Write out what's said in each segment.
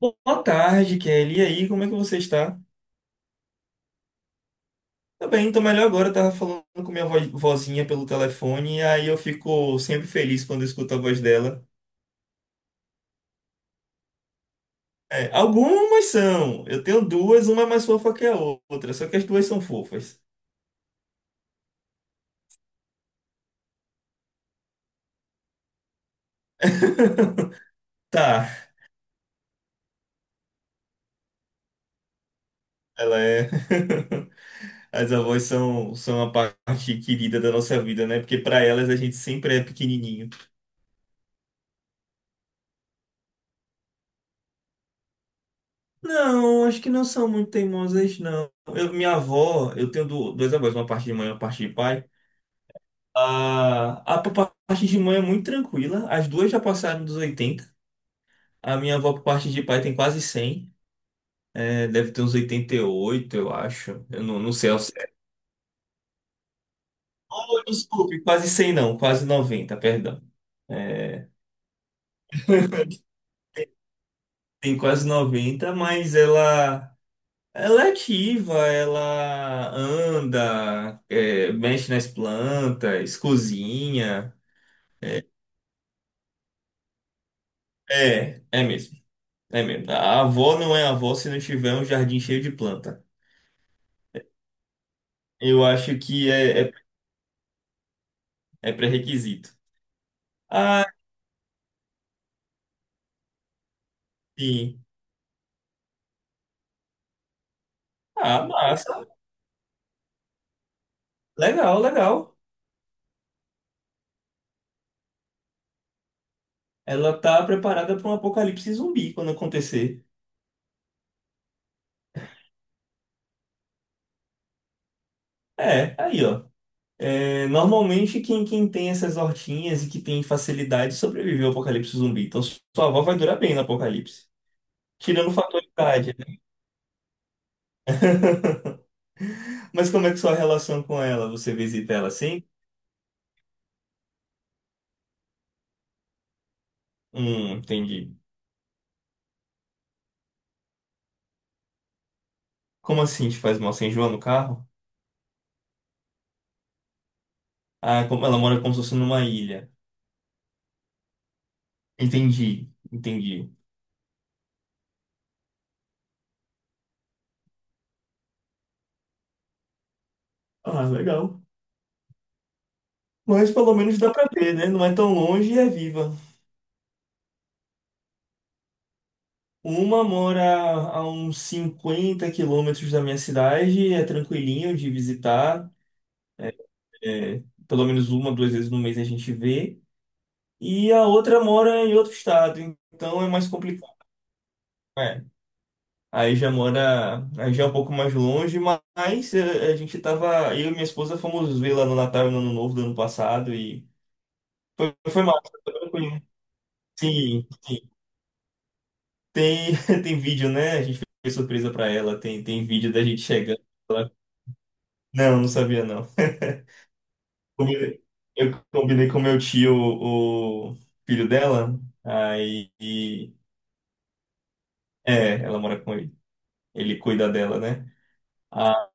Boa tarde, Kelly. E aí, como é que você está? Tá bem, tô melhor agora. Eu tava falando com minha vozinha pelo telefone, e aí eu fico sempre feliz quando eu escuto a voz dela. É, algumas são. Eu tenho duas, uma é mais fofa que a outra, só que as duas são fofas. Tá, ela é. As avós são a parte querida da nossa vida, né? Porque pra elas a gente sempre é pequenininho. Não, acho que não são muito teimosas, não. Minha avó, eu tenho duas avós, uma parte de mãe e uma parte de pai. A por parte de mãe é muito tranquila. As duas já passaram dos 80. A minha avó, por parte de pai, tem quase 100. É, deve ter uns 88, eu acho. Eu não, não sei ao certo. Oh, desculpe, quase 100 não, quase 90, perdão. É, tem quase 90, mas ela é ativa, ela anda, é, mexe nas plantas, cozinha. É, é mesmo. É mesmo. A avó não é avó se não tiver um jardim cheio de planta. Eu acho que é pré-requisito. Ah, sim. Ah, massa. Legal, legal. Ela tá preparada para um apocalipse zumbi quando acontecer. É, aí, ó. É, normalmente, quem tem essas hortinhas e que tem facilidade sobrevive ao apocalipse zumbi. Então, sua avó vai durar bem no apocalipse. Tirando o fator idade, né? Mas como é que sua relação com ela? Você visita ela assim? Entendi. Como assim te faz mal sem João no carro? Ah, como ela mora, como se fosse numa ilha. Entendi, entendi. Ah, legal. Mas pelo menos dá pra ver, né? Não é tão longe e é viva. Uma mora a uns 50 quilômetros da minha cidade, é tranquilinho de visitar. É, pelo menos uma, duas vezes no mês a gente vê. E a outra mora em outro estado, então é mais complicado. É. Aí já é um pouco mais longe, mas é, a gente tava, eu e minha esposa fomos ver lá no Natal e no Ano Novo do ano passado e foi, foi massa, foi tranquilo. Sim, sim. Tem, tem vídeo, né? A gente fez surpresa pra ela. Tem, tem vídeo da gente chegando. Não, não sabia, não. Combinei- Eu combinei com meu tio, o filho dela. Aí. É, ela mora com ele. Ele cuida dela, né?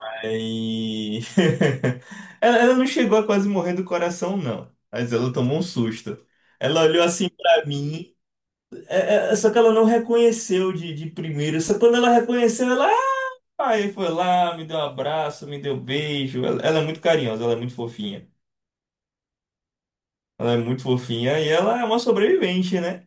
Aí. Ela não chegou a quase morrer do coração, não. Mas ela tomou um susto. Ela olhou assim pra mim. Só que ela não reconheceu de primeira. Só quando ela reconheceu, ela aí foi lá, me deu um abraço, me deu um beijo. Ela é muito carinhosa, ela é muito fofinha. Ela é muito fofinha e ela é uma sobrevivente, né?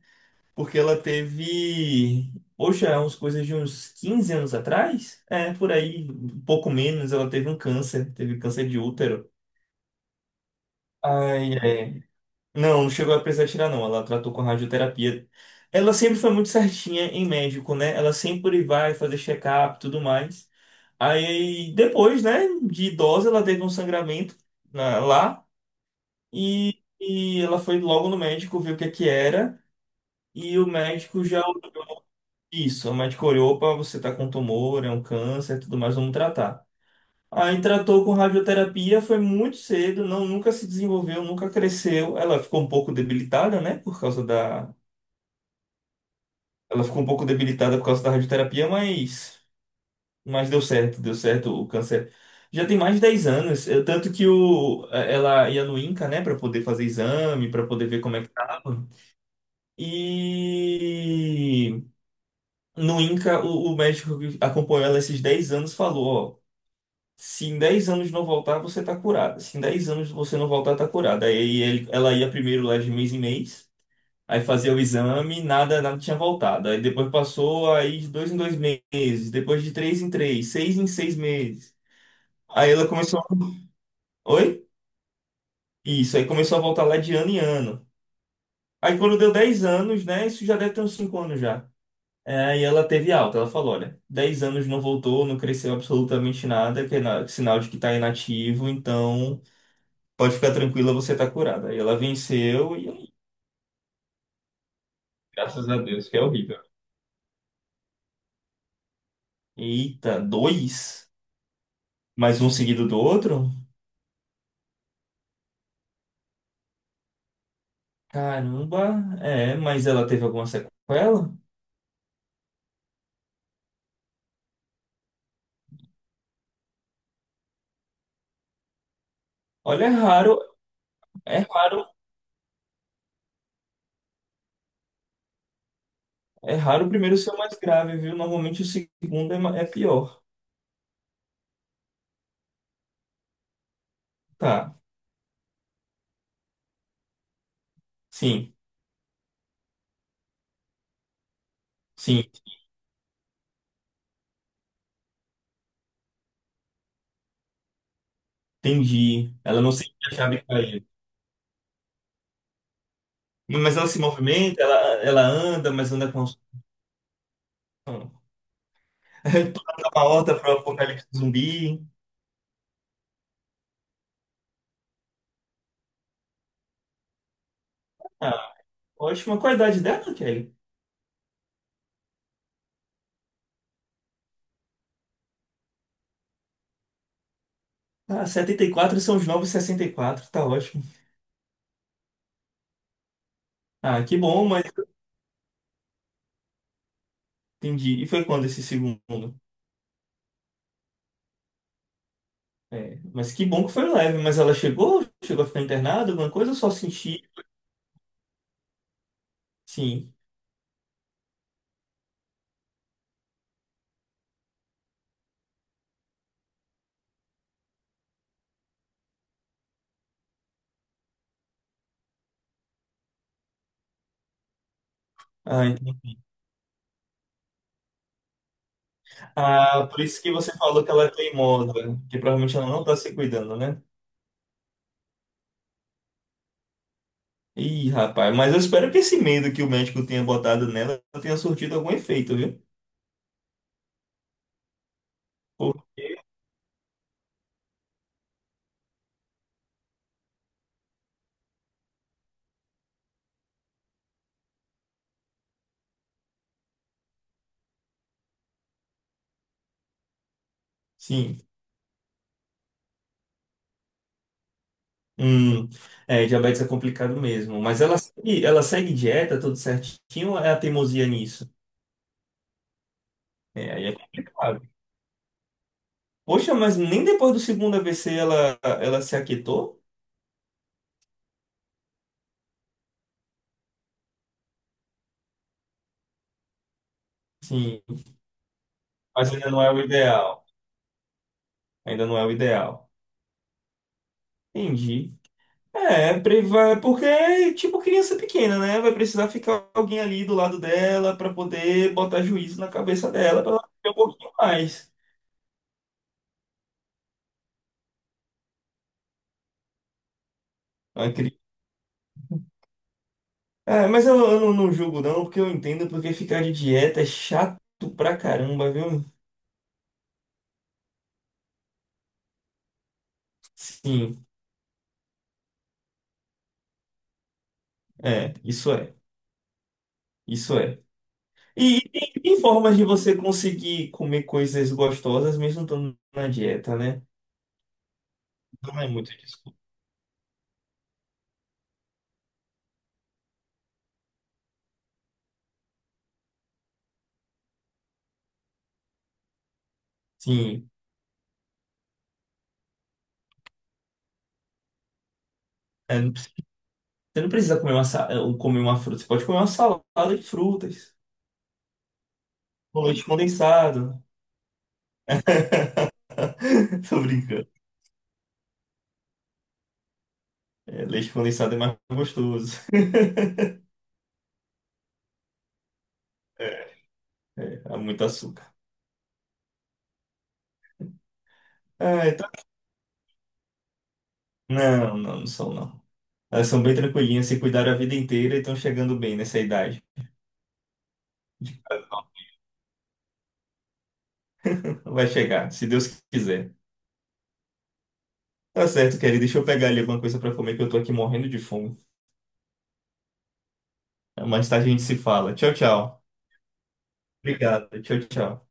Porque ela teve, poxa, umas coisas de uns 15 anos atrás? É, por aí, um pouco menos, ela teve um câncer, teve câncer de útero. Ai, é. Não, não chegou a precisar tirar, não. Ela tratou com radioterapia. Ela sempre foi muito certinha em médico, né? Ela sempre vai fazer check-up e tudo mais. Aí, depois, né, de idosa, ela teve um sangramento lá, e ela foi logo no médico, viu o que é que era. E o médico já olhou isso. O médico olhou: opa, você tá com tumor, é um câncer, tudo mais, vamos tratar. Aí tratou com radioterapia, foi muito cedo, não, nunca se desenvolveu, nunca cresceu. Ela ficou um pouco debilitada, né, por causa da, ela ficou um pouco debilitada por causa da radioterapia, mas deu certo o câncer. Já tem mais de 10 anos, tanto que ela ia no INCA, né, para poder fazer exame, para poder ver como é que tava. E no INCA, o médico que acompanhou ela esses 10 anos falou: ó, se em 10 anos não voltar, você tá curada. Se em 10 anos você não voltar, tá curada. Ela ia primeiro lá de mês em mês. Aí fazia o exame, nada, nada tinha voltado. Aí depois passou, aí de dois em dois meses, depois de três em três, seis em seis meses. Aí ela começou. Oi? Isso, aí começou a voltar lá de ano em ano. Aí quando deu 10 anos, né? Isso já deve ter uns 5 anos já. É, aí ela teve alta, ela falou: olha, 10 anos não voltou, não cresceu absolutamente nada, que é sinal de que tá inativo, então pode ficar tranquila, você tá curada. Aí ela venceu e aí, graças a Deus, que é horrível. Eita, dois? Mais um seguido do outro? Caramba, é, mas ela teve alguma sequela? Olha, é raro, é raro, é raro o primeiro ser o mais grave, viu? Normalmente o segundo é, é pior. Tá, sim, sim, entendi. Ela não sente que a chave caiu. Mas ela se movimenta, ela anda, mas anda com... Toda uma horta para o apocalipse zumbi. Ah, ótimo, ótima qualidade dela, Kelly. Ah, 74 são os novos 64, tá ótimo. Ah, que bom, mas entendi. E foi quando esse segundo? É, mas que bom que foi leve. Mas ela chegou? Chegou a ficar internada? Alguma coisa? Eu só senti. Sim. Ah, entendi. Ah, por isso que você falou que ela é teimosa. Que provavelmente ela não tá se cuidando, né? Ih, rapaz. Mas eu espero que esse medo que o médico tenha botado nela tenha surtido algum efeito, viu? Porque, sim. Hum, é, diabetes é complicado mesmo. Mas ela, ela segue dieta, tudo certinho, ou é a teimosia nisso? É, aí é complicado. Poxa, mas nem depois do segundo AVC ela, ela se aquietou? Sim. Mas ainda não é o ideal. Ainda não é o ideal. Entendi. É, porque é tipo criança pequena, né? Vai precisar ficar alguém ali do lado dela para poder botar juízo na cabeça dela para ela ter um pouquinho mais. É, mas eu não, não julgo não, porque eu entendo porque ficar de dieta é chato pra caramba, viu? Sim, é, isso é, isso é. E tem, tem formas de você conseguir comer coisas gostosas mesmo estando na dieta, né? Não é muito desculpa. Sim. É, você não precisa comer uma, sa- eh, um, comer uma fruta, você pode comer uma salada de frutas, com leite condensado. Tô brincando. É, leite condensado é mais gostoso. É, há muito açúcar. Ah, então... Não, não, não são não. Elas são bem tranquilinhas, se cuidaram a vida inteira e estão chegando bem nessa idade. Vai chegar, se Deus quiser. Tá certo, querido. Deixa eu pegar ali alguma coisa pra comer que eu tô aqui morrendo de fome. Mais tarde a gente se fala. Tchau, tchau. Obrigado. Tchau, tchau.